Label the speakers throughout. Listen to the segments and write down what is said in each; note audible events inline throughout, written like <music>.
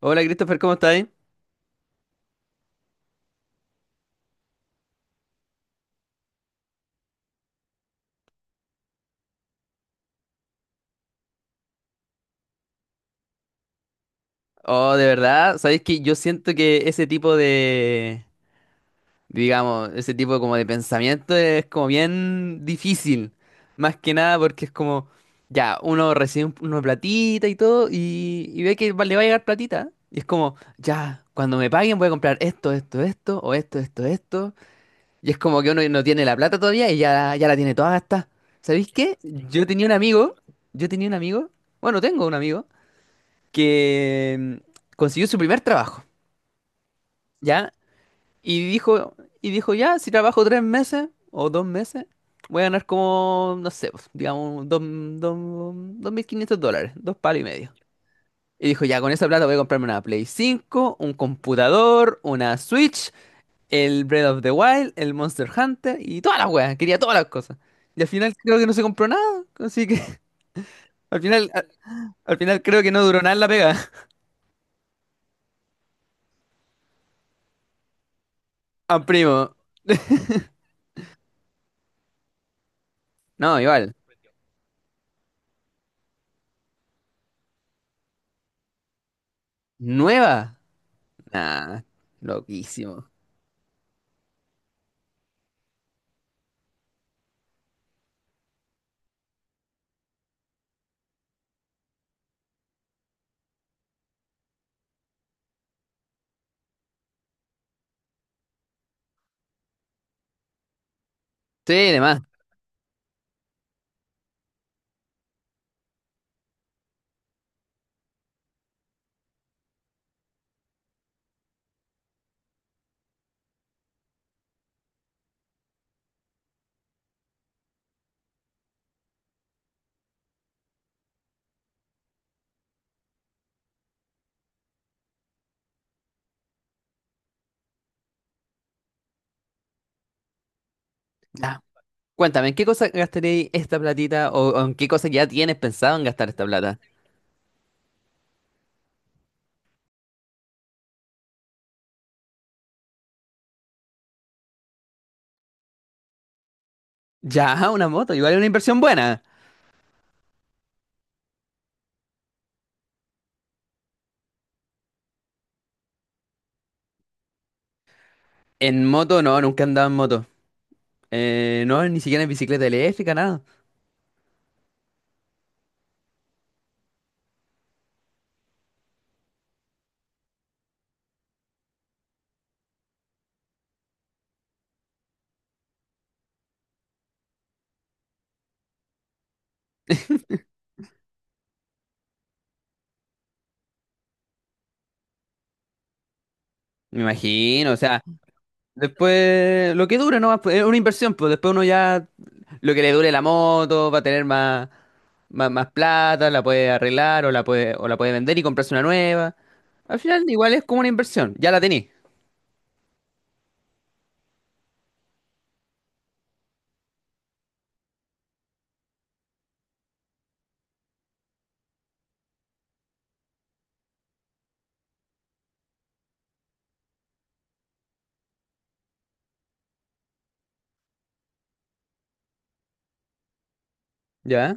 Speaker 1: Hola Christopher, ¿cómo estás? Oh, de verdad, ¿sabes que yo siento que ese tipo de, digamos, ese tipo como de pensamiento es como bien difícil, más que nada porque es como, ya, uno recibe una platita y todo y ve que le va a llegar platita y es como, ya, cuando me paguen voy a comprar esto, esto, esto, o esto, esto, esto, y es como que uno no tiene la plata todavía y ya la tiene toda gastada. ¿Sabéis qué? Yo tenía un amigo, bueno, tengo un amigo que consiguió su primer trabajo, ¿ya? Y dijo, y dijo, ya, si trabajo 3 meses o 2 meses, voy a ganar como, no sé, pues, digamos, dos, 2.500 dólares, dos palos y medio. Y dijo, ya, con esa plata voy a comprarme una Play cinco, un computador, una Switch, el Breath of the Wild, el Monster Hunter y todas las weas, quería todas las cosas. Y al final creo que no se compró nada, así que <laughs> al final, al, al final creo que no duró nada en la pega. <laughs> A primo. No, igual. ¿Nueva? Nah, loquísimo. Sí, además. Ya. Cuéntame, ¿en qué cosa gastaréis esta platita o en qué cosa ya tienes pensado en gastar esta plata? Ya, <laughs> una moto, igual es una inversión buena. En moto no, nunca he andado en moto. No, ni siquiera en bicicleta eléctrica, nada. Me imagino, o sea, después lo que dure, ¿no? Es una inversión, pues después uno ya lo que le dure la moto va a tener más plata, la puede arreglar o la puede vender y comprarse una nueva. Al final, igual es como una inversión, ya la tenés. Ya,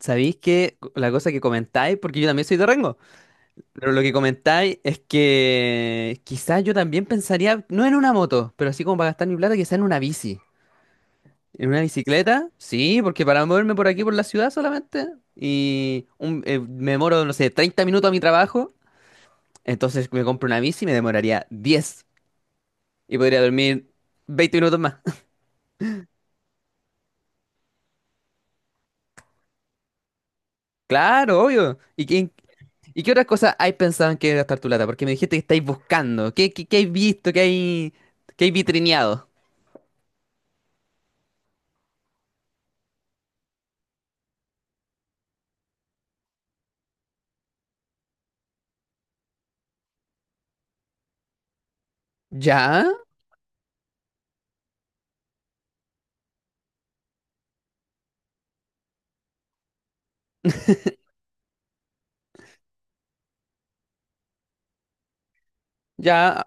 Speaker 1: sabéis que la cosa que comentáis, porque yo también soy de Rengo, pero lo que comentáis es que quizás yo también pensaría, no en una moto, pero así como para gastar mi plata, quizás en una bici. ¿En una bicicleta? Sí, porque para moverme por aquí, por la ciudad solamente, y me demoro, no sé, 30 minutos a mi trabajo, entonces me compro una bici y me demoraría 10 y podría dormir 20 minutos más. <laughs> Claro, obvio. ¿Y quién? ¿Y qué otras cosas hay pensado en qué gastar tu plata? Porque me dijiste que estáis buscando. ¿Qué hay visto? ¿Qué hay vitrineado? ¿Ya? <laughs> Ya,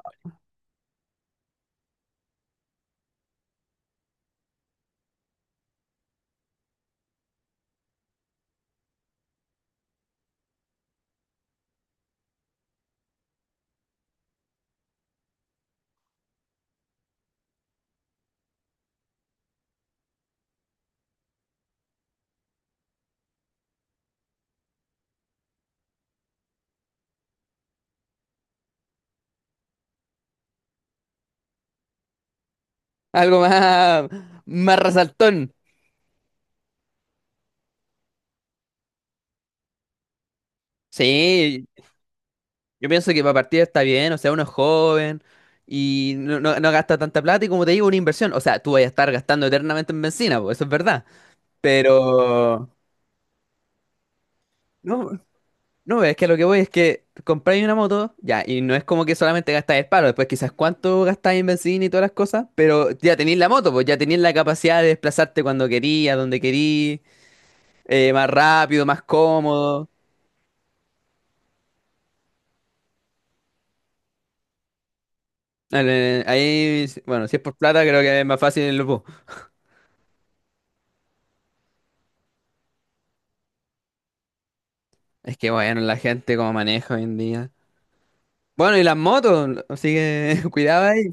Speaker 1: algo más, más resaltón. Sí, yo pienso que para partir está bien, o sea, uno es joven y no gasta tanta plata y como te digo, una inversión. O sea, tú vas a estar gastando eternamente en bencina, pues, eso es verdad. Pero... No. No, es que lo que voy es que compráis una moto, ya, y no es como que solamente gastáis el paro, después quizás cuánto gastáis en benzina y todas las cosas, pero ya tenéis la moto, pues ya tenéis la capacidad de desplazarte cuando querís, a donde querís, más rápido, más cómodo. Ahí, bueno, si es por plata, creo que es más fácil el bus. Es que bueno, la gente como maneja hoy en día. Bueno, y las motos, así que <laughs> cuidado ahí.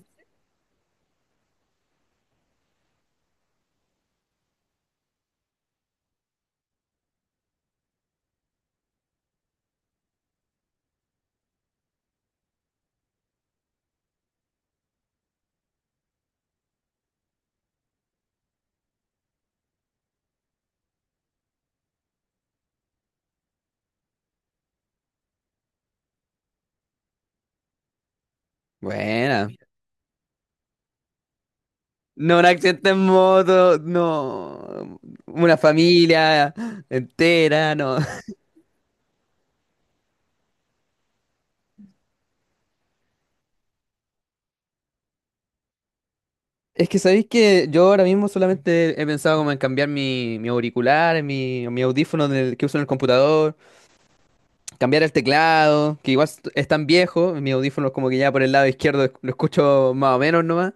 Speaker 1: Buena. No, un accidente en moto, no. Una familia entera, no. <laughs> Es que sabéis que yo ahora mismo solamente he pensado como en cambiar mi auricular, mi audífono del que uso en el computador, cambiar el teclado, que igual es tan viejo, mis audífonos como que ya por el lado izquierdo lo escucho más o menos nomás.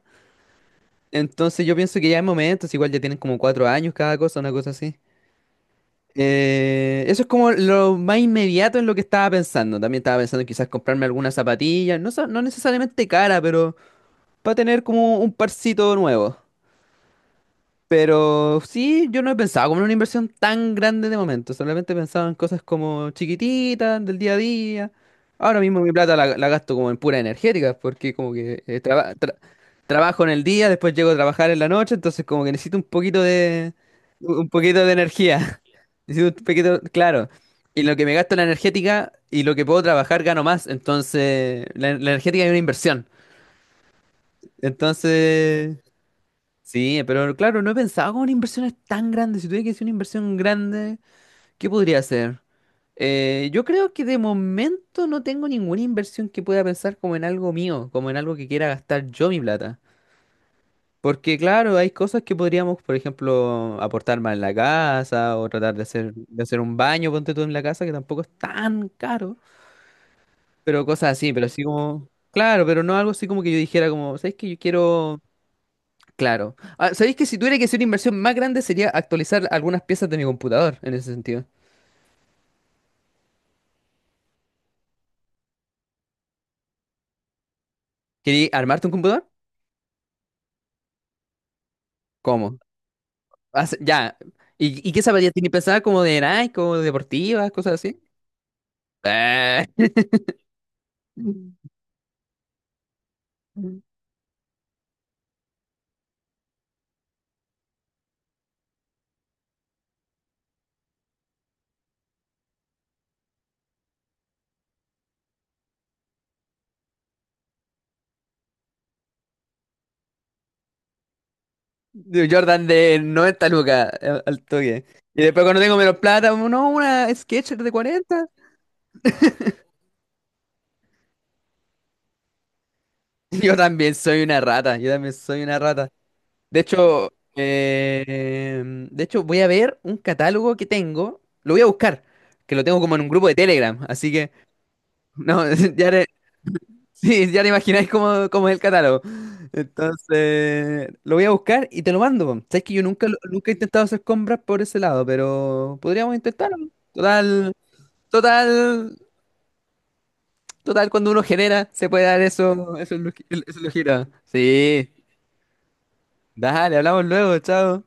Speaker 1: Entonces yo pienso que ya en momentos, igual ya tienen como 4 años cada cosa, una cosa así. Eso es como lo más inmediato en lo que estaba pensando. También estaba pensando en quizás comprarme algunas zapatillas, no, no necesariamente cara, pero para tener como un parcito nuevo. Pero sí, yo no he pensado como en una inversión tan grande de momento. Solamente he pensado en cosas como chiquititas, del día a día. Ahora mismo mi plata la gasto como en pura energética, porque como que trabajo en el día, después llego a trabajar en la noche, entonces como que necesito un poquito de energía. <laughs> Necesito un poquito, claro. Y lo que me gasto en la energética y lo que puedo trabajar gano más. Entonces, la energética es una inversión. Entonces, sí, pero claro, no he pensado como en inversiones tan grandes. Si tuviera que hacer una inversión grande, ¿qué podría hacer? Yo creo que de momento no tengo ninguna inversión que pueda pensar como en algo mío, como en algo que quiera gastar yo mi plata. Porque claro, hay cosas que podríamos, por ejemplo, aportar más en la casa o tratar de de hacer un baño, ponte tú en la casa, que tampoco es tan caro. Pero cosas así, pero así como... Claro, pero no algo así como que yo dijera como, ¿sabes qué? Yo quiero... Claro. Ah, ¿sabéis que si tuviera que hacer una inversión más grande sería actualizar algunas piezas de mi computador en ese sentido? ¿Queréis armarte un computador? ¿Cómo? Ya. Y qué zapatillas tiene pensada? ¿Como de Nike, como deportivas, cosas así? Eh, <laughs> de Jordan de 90 lucas al toque. Y después cuando tengo menos plata, no, una Skechers de 40. <laughs> Yo también soy una rata, yo también soy una rata. De hecho, eh, de hecho, voy a ver un catálogo que tengo. Lo voy a buscar, que lo tengo como en un grupo de Telegram. Así que, no, <laughs> ya te, sí, ya te imagináis cómo, cómo es el catálogo. Entonces, lo voy a buscar y te lo mando, po. Sabes que yo nunca, nunca he intentado hacer compras por ese lado, pero podríamos intentarlo. Total, total, total, cuando uno genera, se puede dar eso, eso, es lo eso es lo que gira. Sí, dale, hablamos luego, chao.